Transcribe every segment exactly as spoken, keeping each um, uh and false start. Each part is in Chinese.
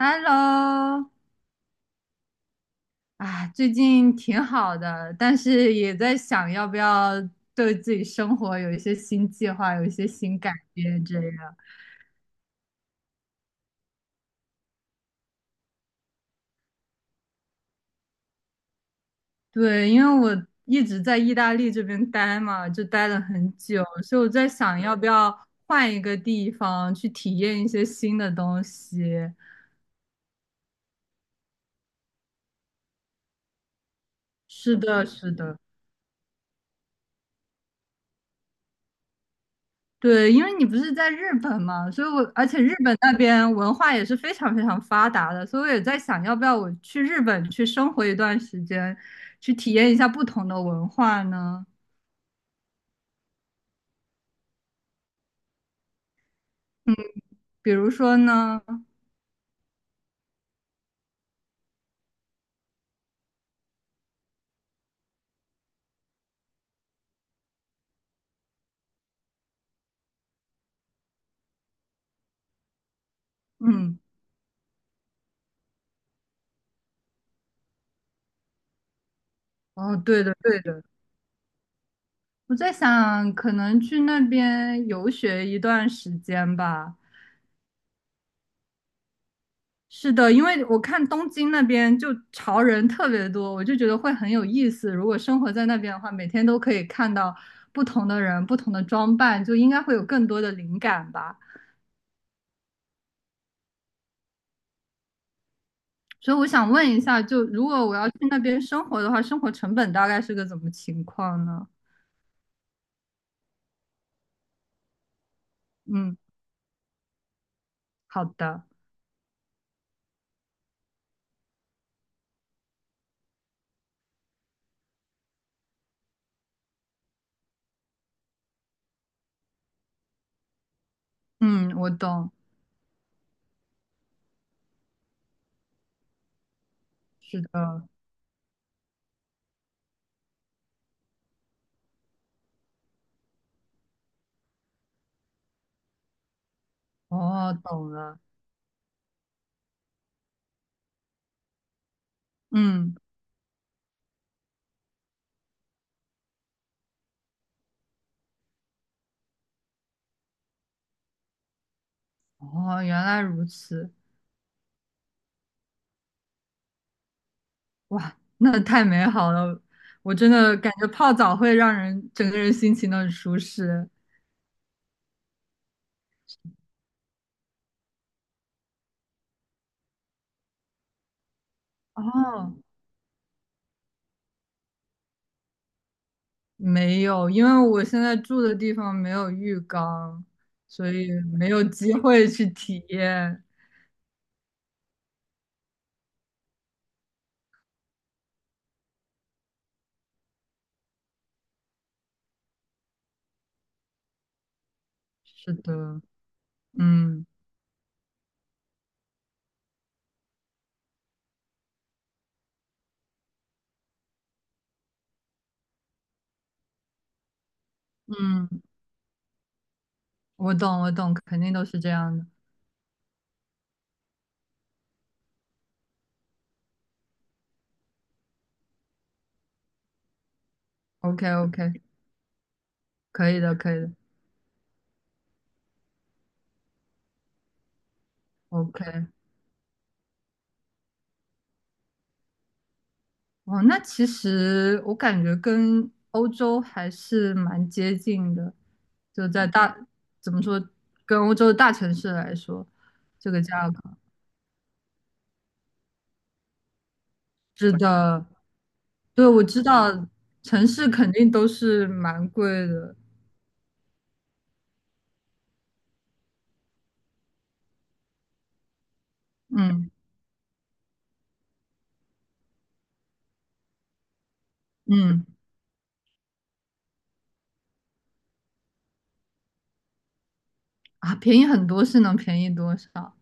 Hello。啊，最近挺好的，但是也在想要不要对自己生活有一些新计划，有一些新改变这样。对，因为我一直在意大利这边待嘛，就待了很久，所以我在想要不要换一个地方去体验一些新的东西。是的，是的。对，因为你不是在日本嘛，所以我而且日本那边文化也是非常非常发达的，所以我也在想，要不要我去日本去生活一段时间，去体验一下不同的文化呢？比如说呢。嗯。哦，对的对的，我在想，可能去那边游学一段时间吧。是的，因为我看东京那边就潮人特别多，我就觉得会很有意思。如果生活在那边的话，每天都可以看到不同的人、不同的装扮，就应该会有更多的灵感吧。所以我想问一下，就如果我要去那边生活的话，生活成本大概是个怎么情况呢？嗯，好的。嗯，我懂。是的。哦，懂了。嗯。哦，原来如此。哇，那太美好了！我真的感觉泡澡会让人整个人心情都很舒适。哦，没有，因为我现在住的地方没有浴缸，所以没有机会去体验。是的。嗯嗯，我懂我懂，肯定都是这样的。OK OK，可以的可以的。OK。哦，那其实我感觉跟欧洲还是蛮接近的，就在大，怎么说，跟欧洲的大城市来说，这个价格是的，对，我知道城市肯定都是蛮贵的。嗯嗯。啊，便宜很多是能便宜多少？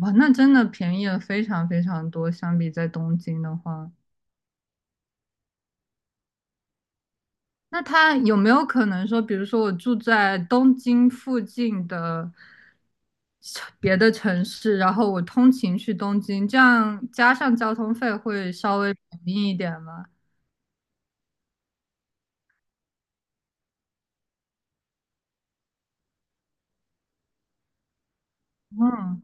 哇，那真的便宜了非常非常多，相比在东京的话。那他有没有可能说，比如说我住在东京附近的别的城市，然后我通勤去东京，这样加上交通费会稍微便宜一点吗？嗯。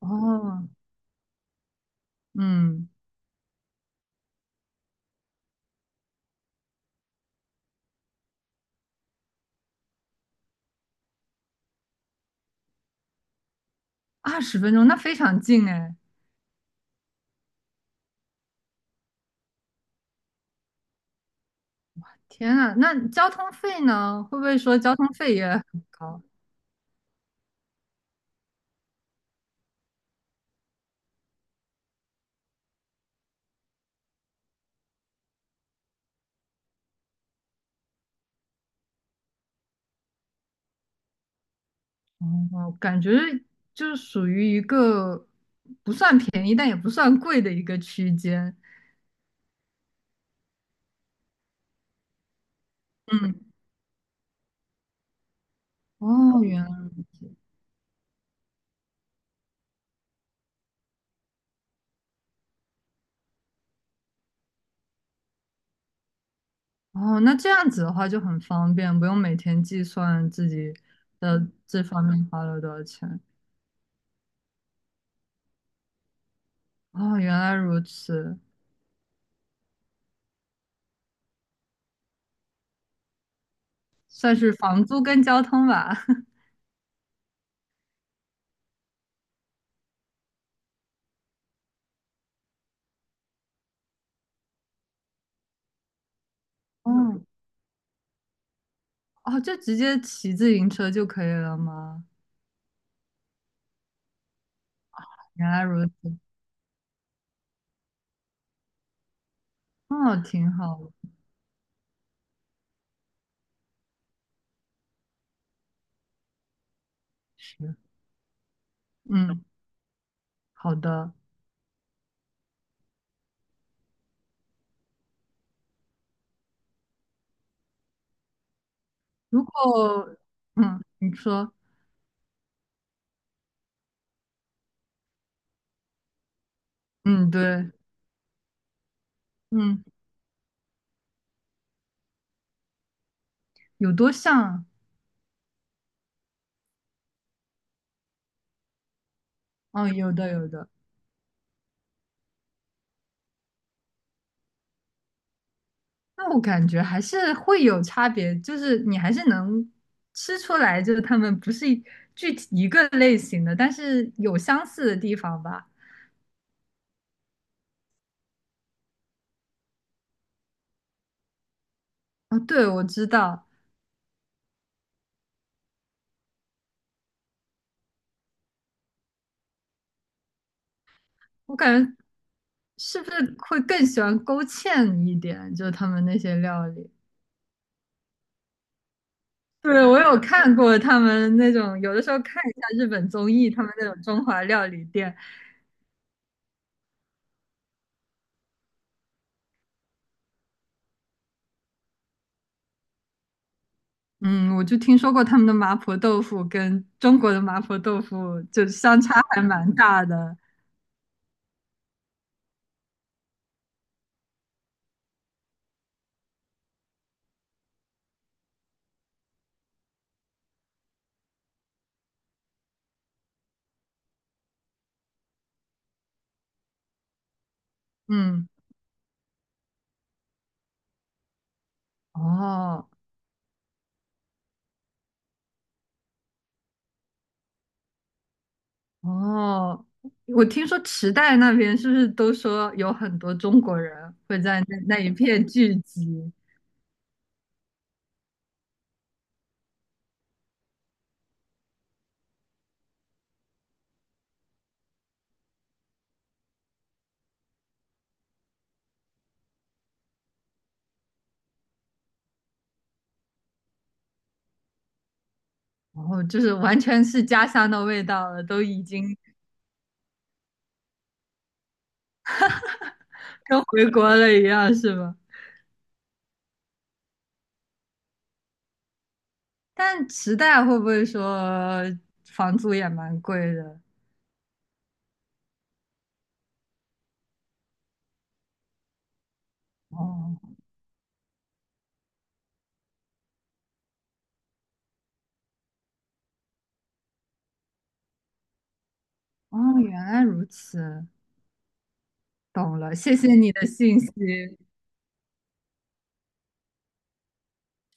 哦。嗯，二十分钟，那非常近哎！天呐，那交通费呢？会不会说交通费也很高？哦，感觉就是属于一个不算便宜，但也不算贵的一个区间。嗯。哦，原来。哦，那这样子的话就很方便，不用每天计算自己的这方面花了多少钱。哦，原来如此，算是房租跟交通吧。哦。哦，就直接骑自行车就可以了吗？原来如此。哦，挺好的。是。嗯，好的。如果。嗯，你说。嗯，对。嗯，有多像啊？哦，有的，有的。那我感觉还是会有差别，就是你还是能吃出来，就是他们不是具体一个类型的，但是有相似的地方吧。哦，对，我知道。我感觉是不是会更喜欢勾芡一点，就是他们那些料理。对，我有看过他们那种，有的时候看一下日本综艺，他们那种中华料理店。嗯，我就听说过他们的麻婆豆腐跟中国的麻婆豆腐就相差还蛮大的。嗯。哦。哦，我听说池袋那边是不是都说有很多中国人会在那那一片聚集，然后就是完全是家乡的味道了，都已经跟回国了一样，是吧？但池袋会不会说房租也蛮贵的？哦哦，原来如此，懂了，谢谢你的信息。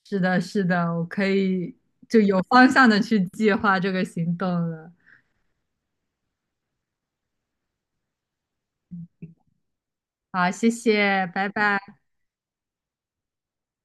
是的，是的，我可以就有方向的去计划这个行动了。好，谢谢，拜拜。